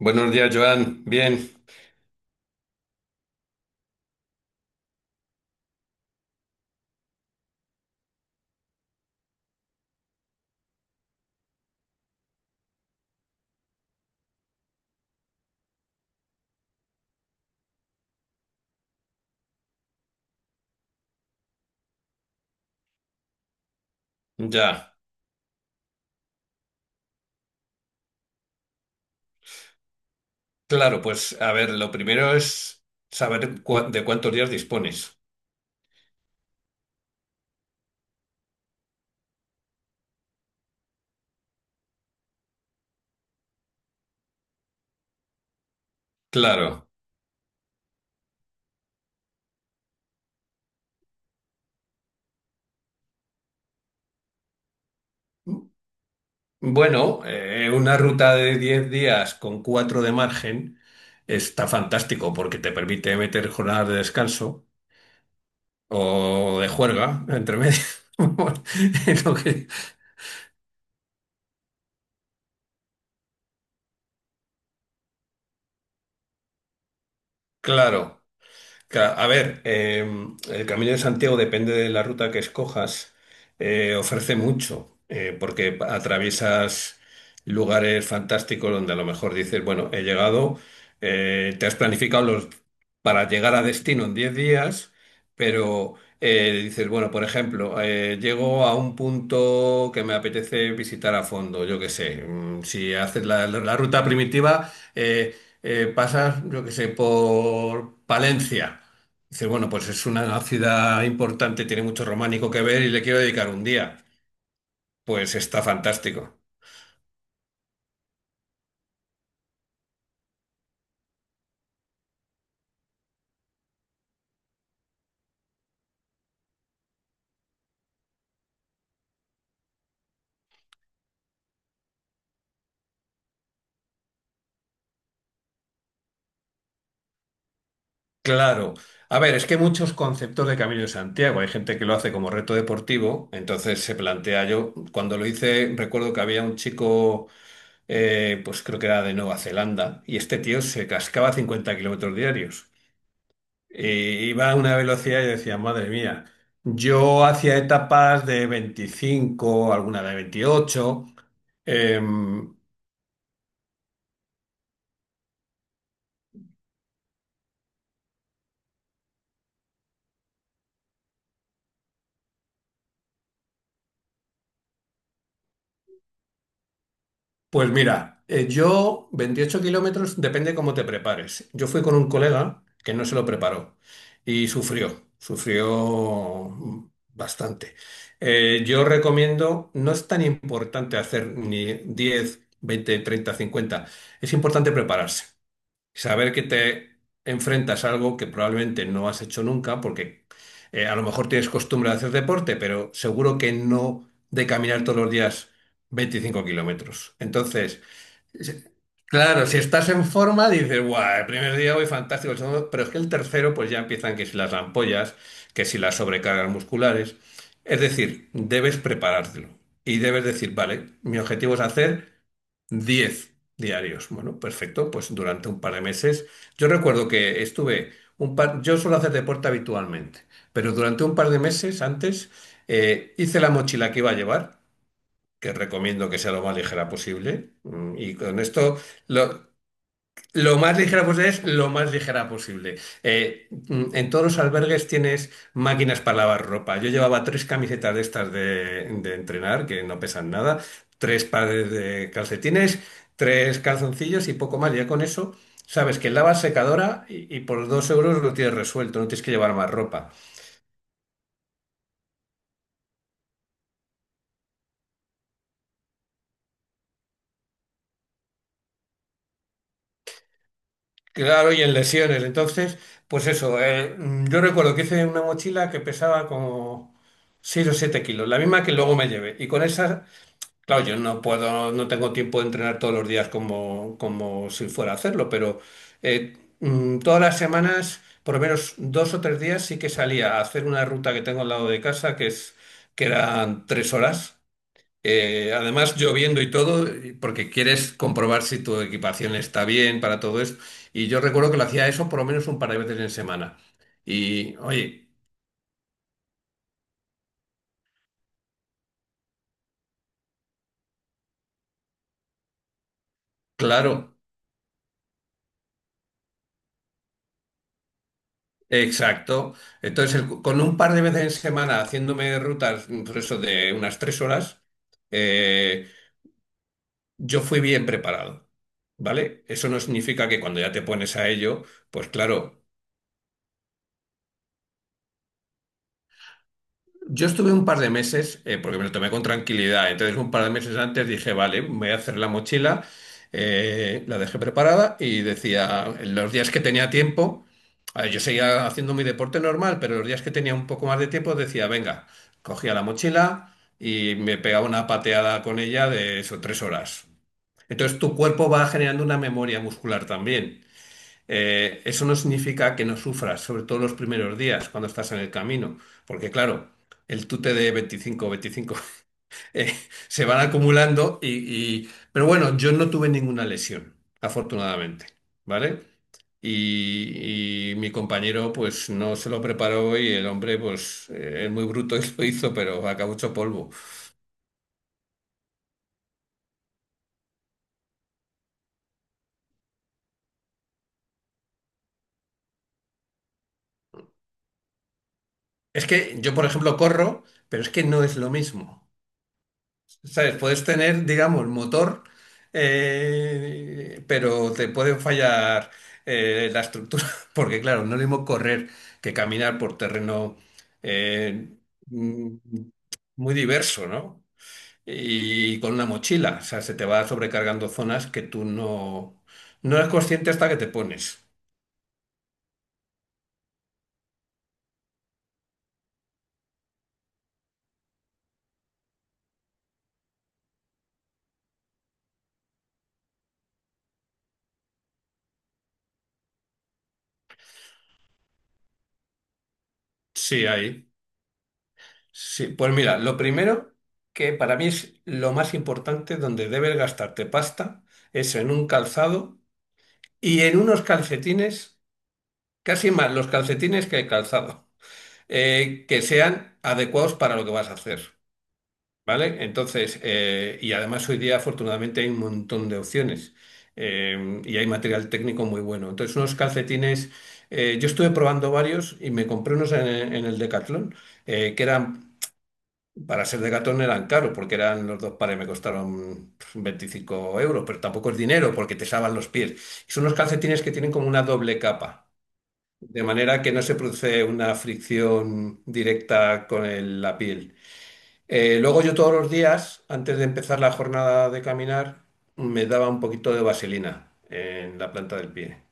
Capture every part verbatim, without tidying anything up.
Buenos días, Joan. Bien, ya. Claro, pues a ver, lo primero es saber cua- de cuántos días dispones. Claro. Bueno, eh, una ruta de diez días con cuatro de margen está fantástico porque te permite meter jornadas de descanso o de juerga entre medio. Es Lo que- Claro. Claro, a ver, eh, el Camino de Santiago depende de la ruta que escojas, eh, ofrece mucho, eh, porque atraviesas lugares fantásticos donde a lo mejor dices, bueno, he llegado, eh, te has planificado los, para llegar a destino en diez días, pero eh, dices, bueno, por ejemplo, eh, llego a un punto que me apetece visitar a fondo, yo qué sé, mm, si haces la, la ruta primitiva eh, eh, pasas, yo qué sé, por Palencia. Dices, bueno, pues es una ciudad importante, tiene mucho románico que ver y le quiero dedicar un día. Pues está fantástico. Claro. A ver, es que hay muchos conceptos de Camino de Santiago. Hay gente que lo hace como reto deportivo, entonces se plantea yo, cuando lo hice, recuerdo que había un chico, eh, pues creo que era de Nueva Zelanda, y este tío se cascaba cincuenta kilómetros diarios. Eh, iba a una velocidad y decía, madre mía, yo hacía etapas de veinticinco, alguna de veintiocho. Em, pues mira, eh, yo veintiocho kilómetros, depende cómo te prepares. Yo fui con un colega que no se lo preparó y sufrió, sufrió bastante. Eh, yo recomiendo, no es tan importante hacer ni diez, veinte, treinta, cincuenta, es importante prepararse. Saber que te enfrentas a algo que probablemente no has hecho nunca, porque eh, a lo mejor tienes costumbre de hacer deporte, pero seguro que no de caminar todos los días veinticinco kilómetros. Entonces, se- claro, si estás en forma, dices, guau, el primer día voy fantástico, el segundo, pero es que el tercero, pues ya empiezan que si las ampollas, que si las sobrecargas musculares. Es decir, debes preparártelo y debes decir, vale, mi objetivo es hacer. Diez diarios. Bueno, perfecto. Pues durante un par de meses. Yo recuerdo que estuve un par. Yo suelo hacer deporte habitualmente, pero durante un par de meses antes eh, hice la mochila que iba a llevar, que recomiendo que sea lo más ligera posible. Mm, Y con esto, lo- lo más ligera posible es lo más ligera posible. Eh, mm, en todos los albergues tienes máquinas para lavar ropa. Yo llevaba tres camisetas de estas de, de entrenar, que no pesan nada, tres pares de calcetines, tres calzoncillos y poco más. Ya con eso sabes que lavas secadora y, y por dos euros lo tienes resuelto, no tienes que llevar más ropa. Claro, y en lesiones. Entonces, pues eso, eh, mm, yo recuerdo que hice una mochila que pesaba como seis o siete kilos, la misma que luego me llevé. Y con esa Claro, yo no puedo, no tengo tiempo de entrenar todos los días como, como si fuera a hacerlo, pero eh, mm, todas las semanas, por lo menos dos o tres días, sí que salía a hacer una ruta que tengo al lado de casa, que es, que eran tres horas. Eh, además, lloviendo y todo, y- porque quieres comprobar si tu equipación está bien para todo eso. Y yo recuerdo que lo hacía eso por lo menos un par de veces en semana. Y, oye, claro. Exacto. Entonces, el- con un par de veces en semana haciéndome rutas, mm, por eso de unas tres horas, eh, yo fui bien preparado, ¿vale? Eso no significa que cuando ya te pones a ello, pues claro. Yo estuve un par de meses, eh, porque me lo tomé con tranquilidad, entonces un par de meses antes dije, vale, me voy a hacer la mochila, eh, la dejé preparada y decía, en los días que tenía tiempo, a ver, yo seguía haciendo mi deporte normal, pero los días que tenía un poco más de tiempo decía, venga, cogía la mochila y me pegaba una pateada con ella de eso, tres horas. Entonces tu cuerpo va generando una memoria muscular también. Eh, eso no significa que no sufras, sobre todo los primeros días cuando estás en el camino, porque claro, el tute de veinticinco, veinticinco eh, se van acumulando y, y- pero bueno, yo no tuve ninguna lesión, afortunadamente, ¿vale? Y, y mi compañero pues no se lo preparó y el hombre pues eh, es muy bruto y lo hizo, pero acabó hecho polvo. Es que yo, por ejemplo, corro, pero es que no es lo mismo. ¿Sabes? Puedes tener, digamos, motor, eh, pero te puede fallar eh, la estructura, porque claro, no es lo mismo correr que caminar por terreno eh, mm, muy diverso, ¿no? Y con una mochila, o sea, se te va sobrecargando zonas que tú no, no eres consciente hasta que te pones. Sí, ahí. Sí, pues mira, lo primero que para mí es lo más importante donde debes gastarte pasta es en un calzado y en unos calcetines, casi más los calcetines que el calzado, eh, que sean adecuados para lo que vas a hacer, ¿vale? Entonces, eh, y además hoy día afortunadamente hay un montón de opciones eh, y hay material técnico muy bueno. Entonces, unos calcetines, eh, yo estuve probando varios y me compré unos en, en el Decathlon, eh, que eran, para ser Decathlon eran caros, porque eran los dos pares, me costaron pues, veinticinco euros, pero tampoco es dinero porque te salvan los pies. Son unos calcetines que tienen como una doble capa. De manera que no se produce una fricción directa con el- la piel. Eh, luego yo todos los días, antes de empezar la jornada de caminar, me daba un poquito de vaselina en la planta del pie.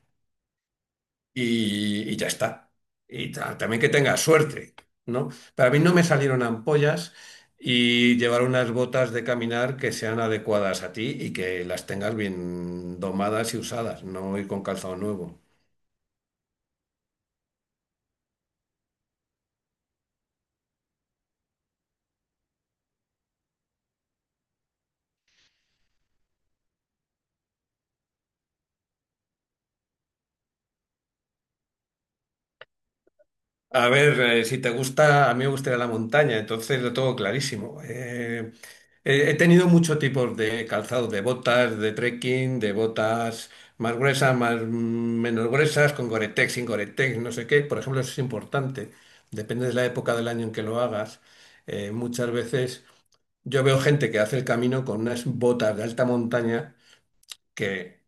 Y, y ya está. Y ta- también que tenga suerte, ¿no? Para mí no me salieron ampollas y llevar unas botas de caminar que sean adecuadas a ti y que las tengas bien domadas y usadas, no ir con calzado nuevo. A ver, eh, si te gusta, a mí me gustaría la montaña, entonces lo tengo clarísimo. Eh, eh, he tenido muchos tipos de calzados, de botas, de trekking, de botas más gruesas, más mm, menos gruesas, con Gore-Tex, sin Gore-Tex, no sé qué. Por ejemplo, eso es importante. Depende de la época del año en que lo hagas. Eh, muchas veces yo veo gente que hace el camino con unas botas de alta montaña que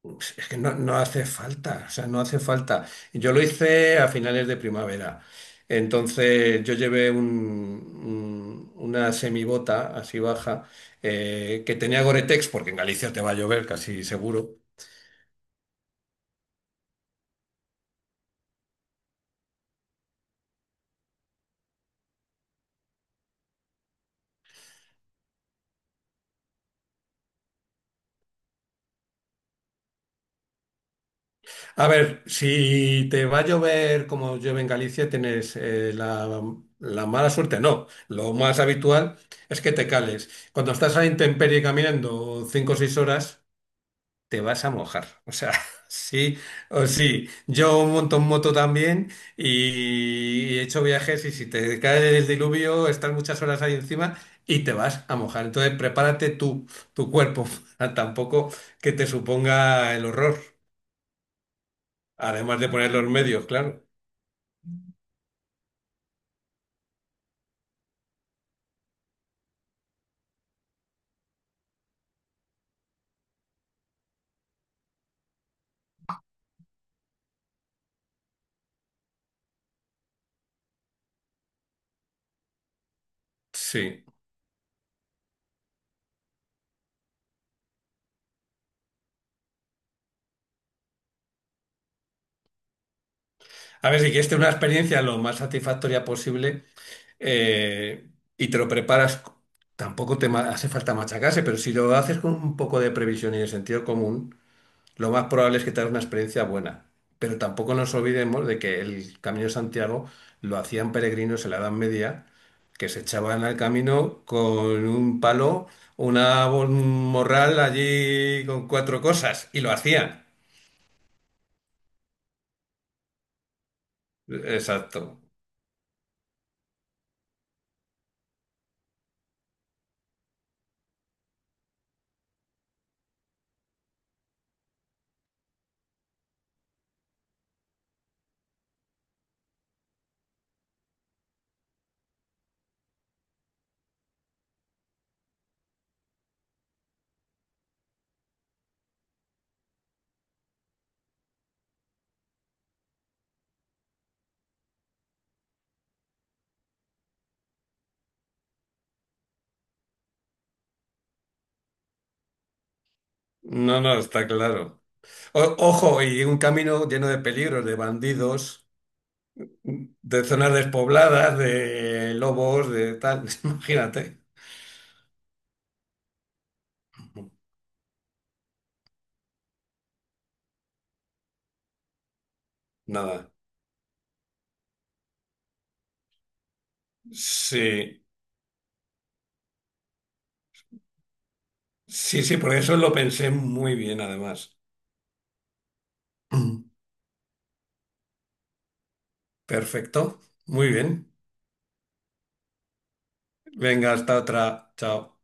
pues es que no, no hace falta, o sea, no hace falta. Yo lo hice a finales de primavera. Entonces yo llevé un- un- una semibota así baja eh, que tenía Gore-Tex porque en Galicia te va a llover casi seguro. A ver, si te va a llover como llueve en Galicia, tienes eh, la, la mala suerte, no. Lo más habitual es que te cales. Cuando estás a intemperie caminando cinco o seis horas, te vas a mojar. O sea, sí o sí. Yo monto en moto también y he hecho viajes y si te cae el diluvio, estás muchas horas ahí encima y te vas a mojar. Entonces, prepárate tú, tu cuerpo, para tampoco que te suponga el horror. Además de poner los medios, claro. Sí. A ver, si quieres tener una experiencia lo más satisfactoria posible eh, y te lo preparas, tampoco te ma- hace falta machacarse, pero si lo haces con un poco de previsión y de sentido común, lo más probable es que tengas una experiencia buena, pero tampoco nos olvidemos de que el Camino de Santiago lo hacían peregrinos en la Edad Media, que se echaban al camino con un palo, una, bo- un morral allí con cuatro cosas, y lo hacían. Exacto. No, no, está claro. O- ojo, y un camino lleno de peligros, de bandidos, de zonas despobladas, de lobos, de tal. Imagínate. Nada. Sí, sí, sí, porque eso lo pensé muy bien además. Perfecto, muy bien. Venga, hasta otra. Chao.